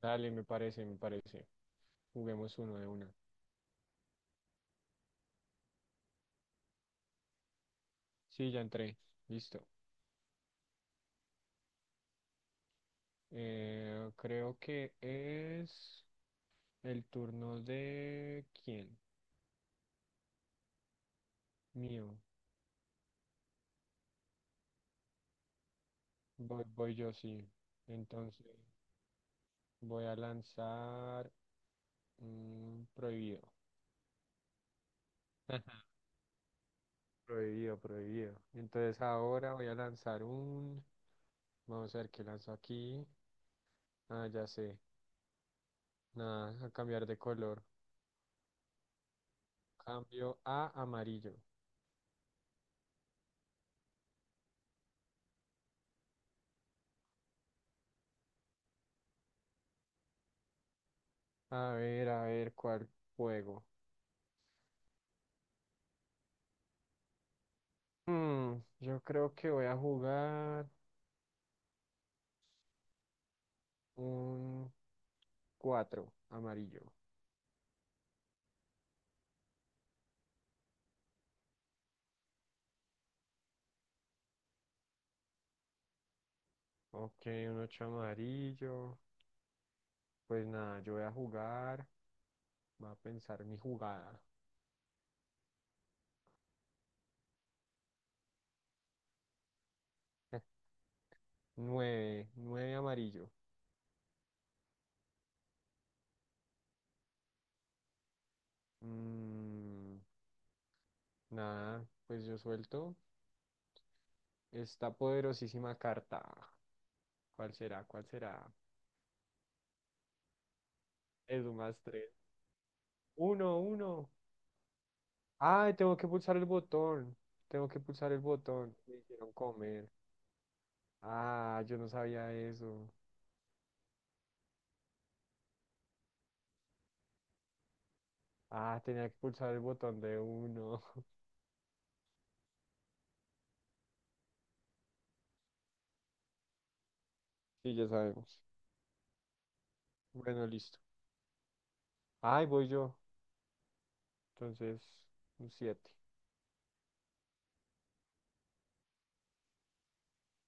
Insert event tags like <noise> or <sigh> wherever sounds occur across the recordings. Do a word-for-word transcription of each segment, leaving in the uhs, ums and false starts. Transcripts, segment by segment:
Dale, me parece, me parece. Juguemos uno de una. Sí, ya entré. Listo. Eh, ¿creo que es el turno de quién? Mío. Voy, voy yo, sí. Entonces voy a lanzar mm, prohibido. <laughs> Prohibido, prohibido. Entonces ahora voy a lanzar un... Vamos a ver qué lanzo aquí. Ah, ya sé. Nada, a cambiar de color. Cambio a amarillo. A ver, a ver cuál juego. Mm, yo creo que voy a jugar un cuatro amarillo. Ok, un ocho amarillo. Pues nada, yo voy a jugar. Voy a pensar mi jugada. <laughs> Nueve, nueve amarillo. Mm, Nada, pues yo suelto esta poderosísima carta. ¿Cuál será? ¿Cuál será? Es un más tres. Uno, uno. Ay, tengo que pulsar el botón. Tengo que pulsar el botón. Me hicieron comer. Ah, yo no sabía eso. Ah, tenía que pulsar el botón de uno. <laughs> Sí, ya sabemos. Bueno, listo. Ay, voy yo. Entonces, un siete.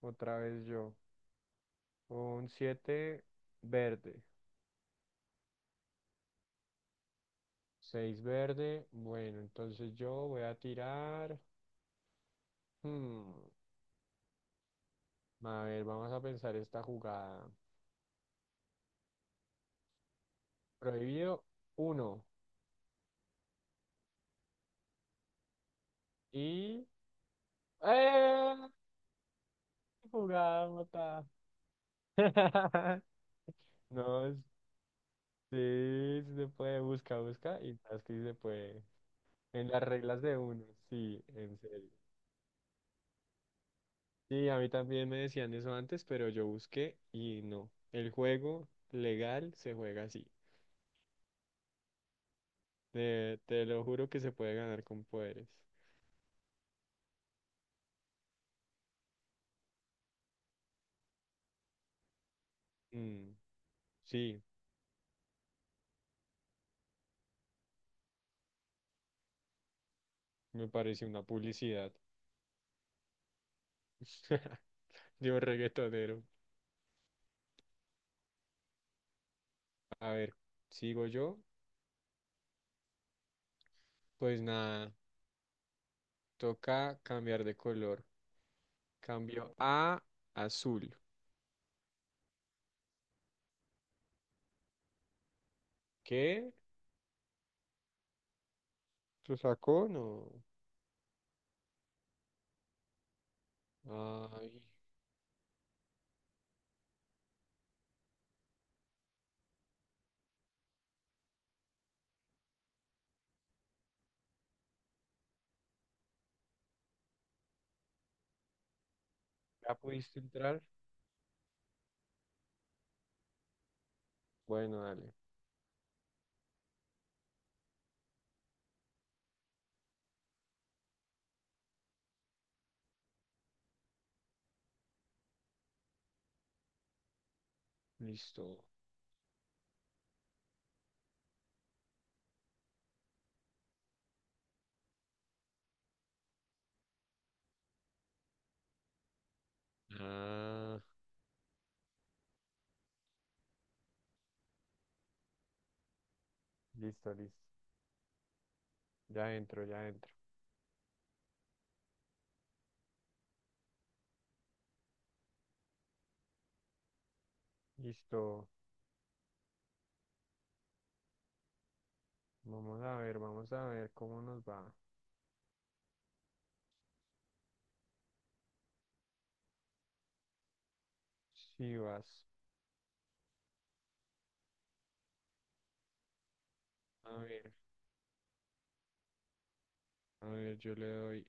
Otra vez yo. Un siete verde. Seis verde. Bueno, entonces yo voy a tirar. Hmm, A ver, vamos a pensar esta jugada. Prohibido uno. Y... ¡Eh! Jugada, mata. <laughs> No. Sí, sí se puede, busca, busca y sabes que sí se puede. En las reglas de uno, sí, en serio. Sí, a mí también me decían eso antes, pero yo busqué y no. El juego legal se juega así. Te, te lo juro que se puede ganar con poderes. Mm, sí, me parece una publicidad. <laughs> Yo reggaetonero. A ver, sigo yo. Pues nada, toca cambiar de color. Cambio a azul. ¿Qué? ¿Lo sacó? No. Ay, ¿ya pudiste entrar? Bueno, dale. Listo. Ah, listo, listo. Ya entro, ya entro. Listo. Vamos a ver, vamos a ver cómo nos va. Si vas. A ver, a ver, yo le doy.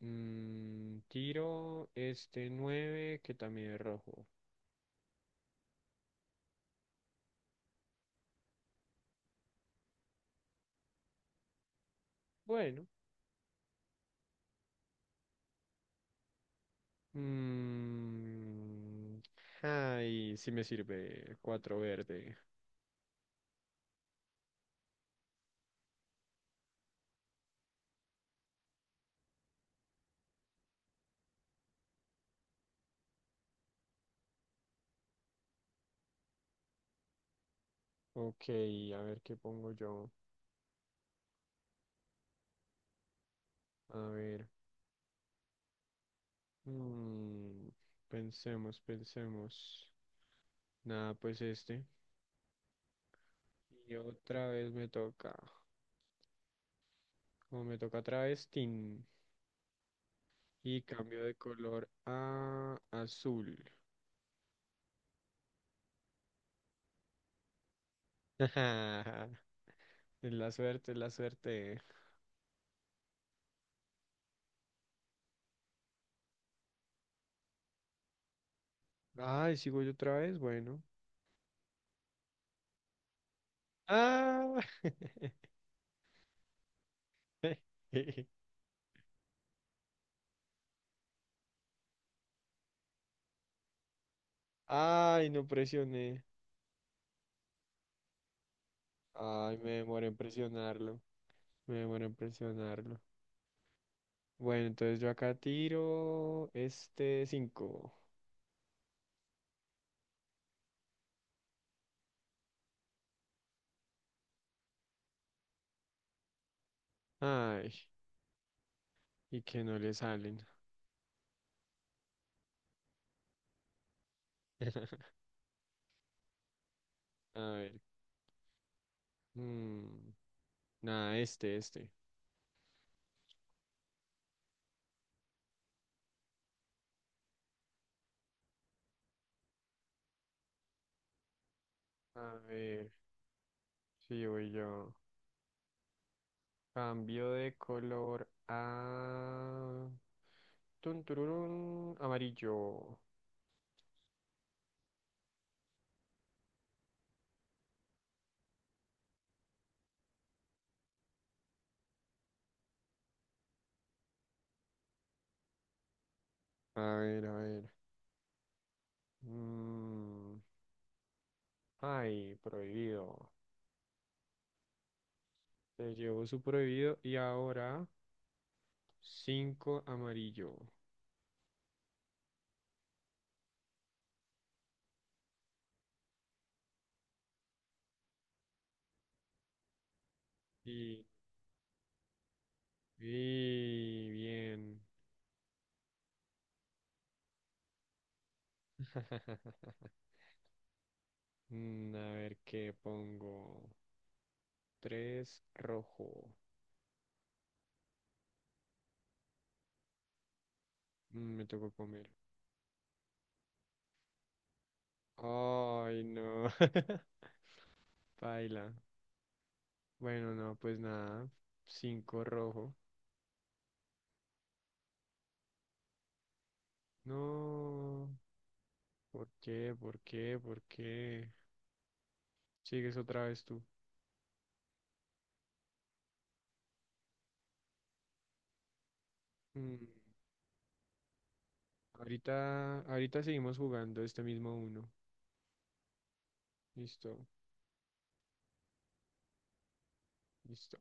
mm, Tiro este nueve que también es rojo. Bueno. mm, Ay, sí me sirve. Cuatro verde. Ok, a ver qué pongo yo. A ver. Mm, Pensemos, pensemos. Nada, pues este. Y otra vez me toca. Como me toca travestín. Y cambio de color a azul. <laughs> Es la suerte, es la suerte. Ay, sigo yo otra vez. Bueno. Ah. <laughs> Ay, no presioné. Ay, me demoré en presionarlo. Me demoré en presionarlo. Bueno, entonces yo acá tiro este cinco. Ay, y que no le salen. <laughs> A ver. mm, Nada, este, este. A ver, sí, voy yo. Cambio de color a... tun, tururún, amarillo. A ver, a ver. mm, Ay, prohibido. Se llevó su prohibido y ahora cinco amarillo. Y, y bien. <laughs> Mm, a ver qué pongo. Tres rojo. Mm, Me tocó comer. Ay, no. <laughs> Paila. Bueno, no, pues nada. Cinco rojo. No. ¿Por qué? ¿Por qué? ¿Por qué? Sigues otra vez tú. Mm, Ahorita, ahorita seguimos jugando este mismo uno. Listo. Listo.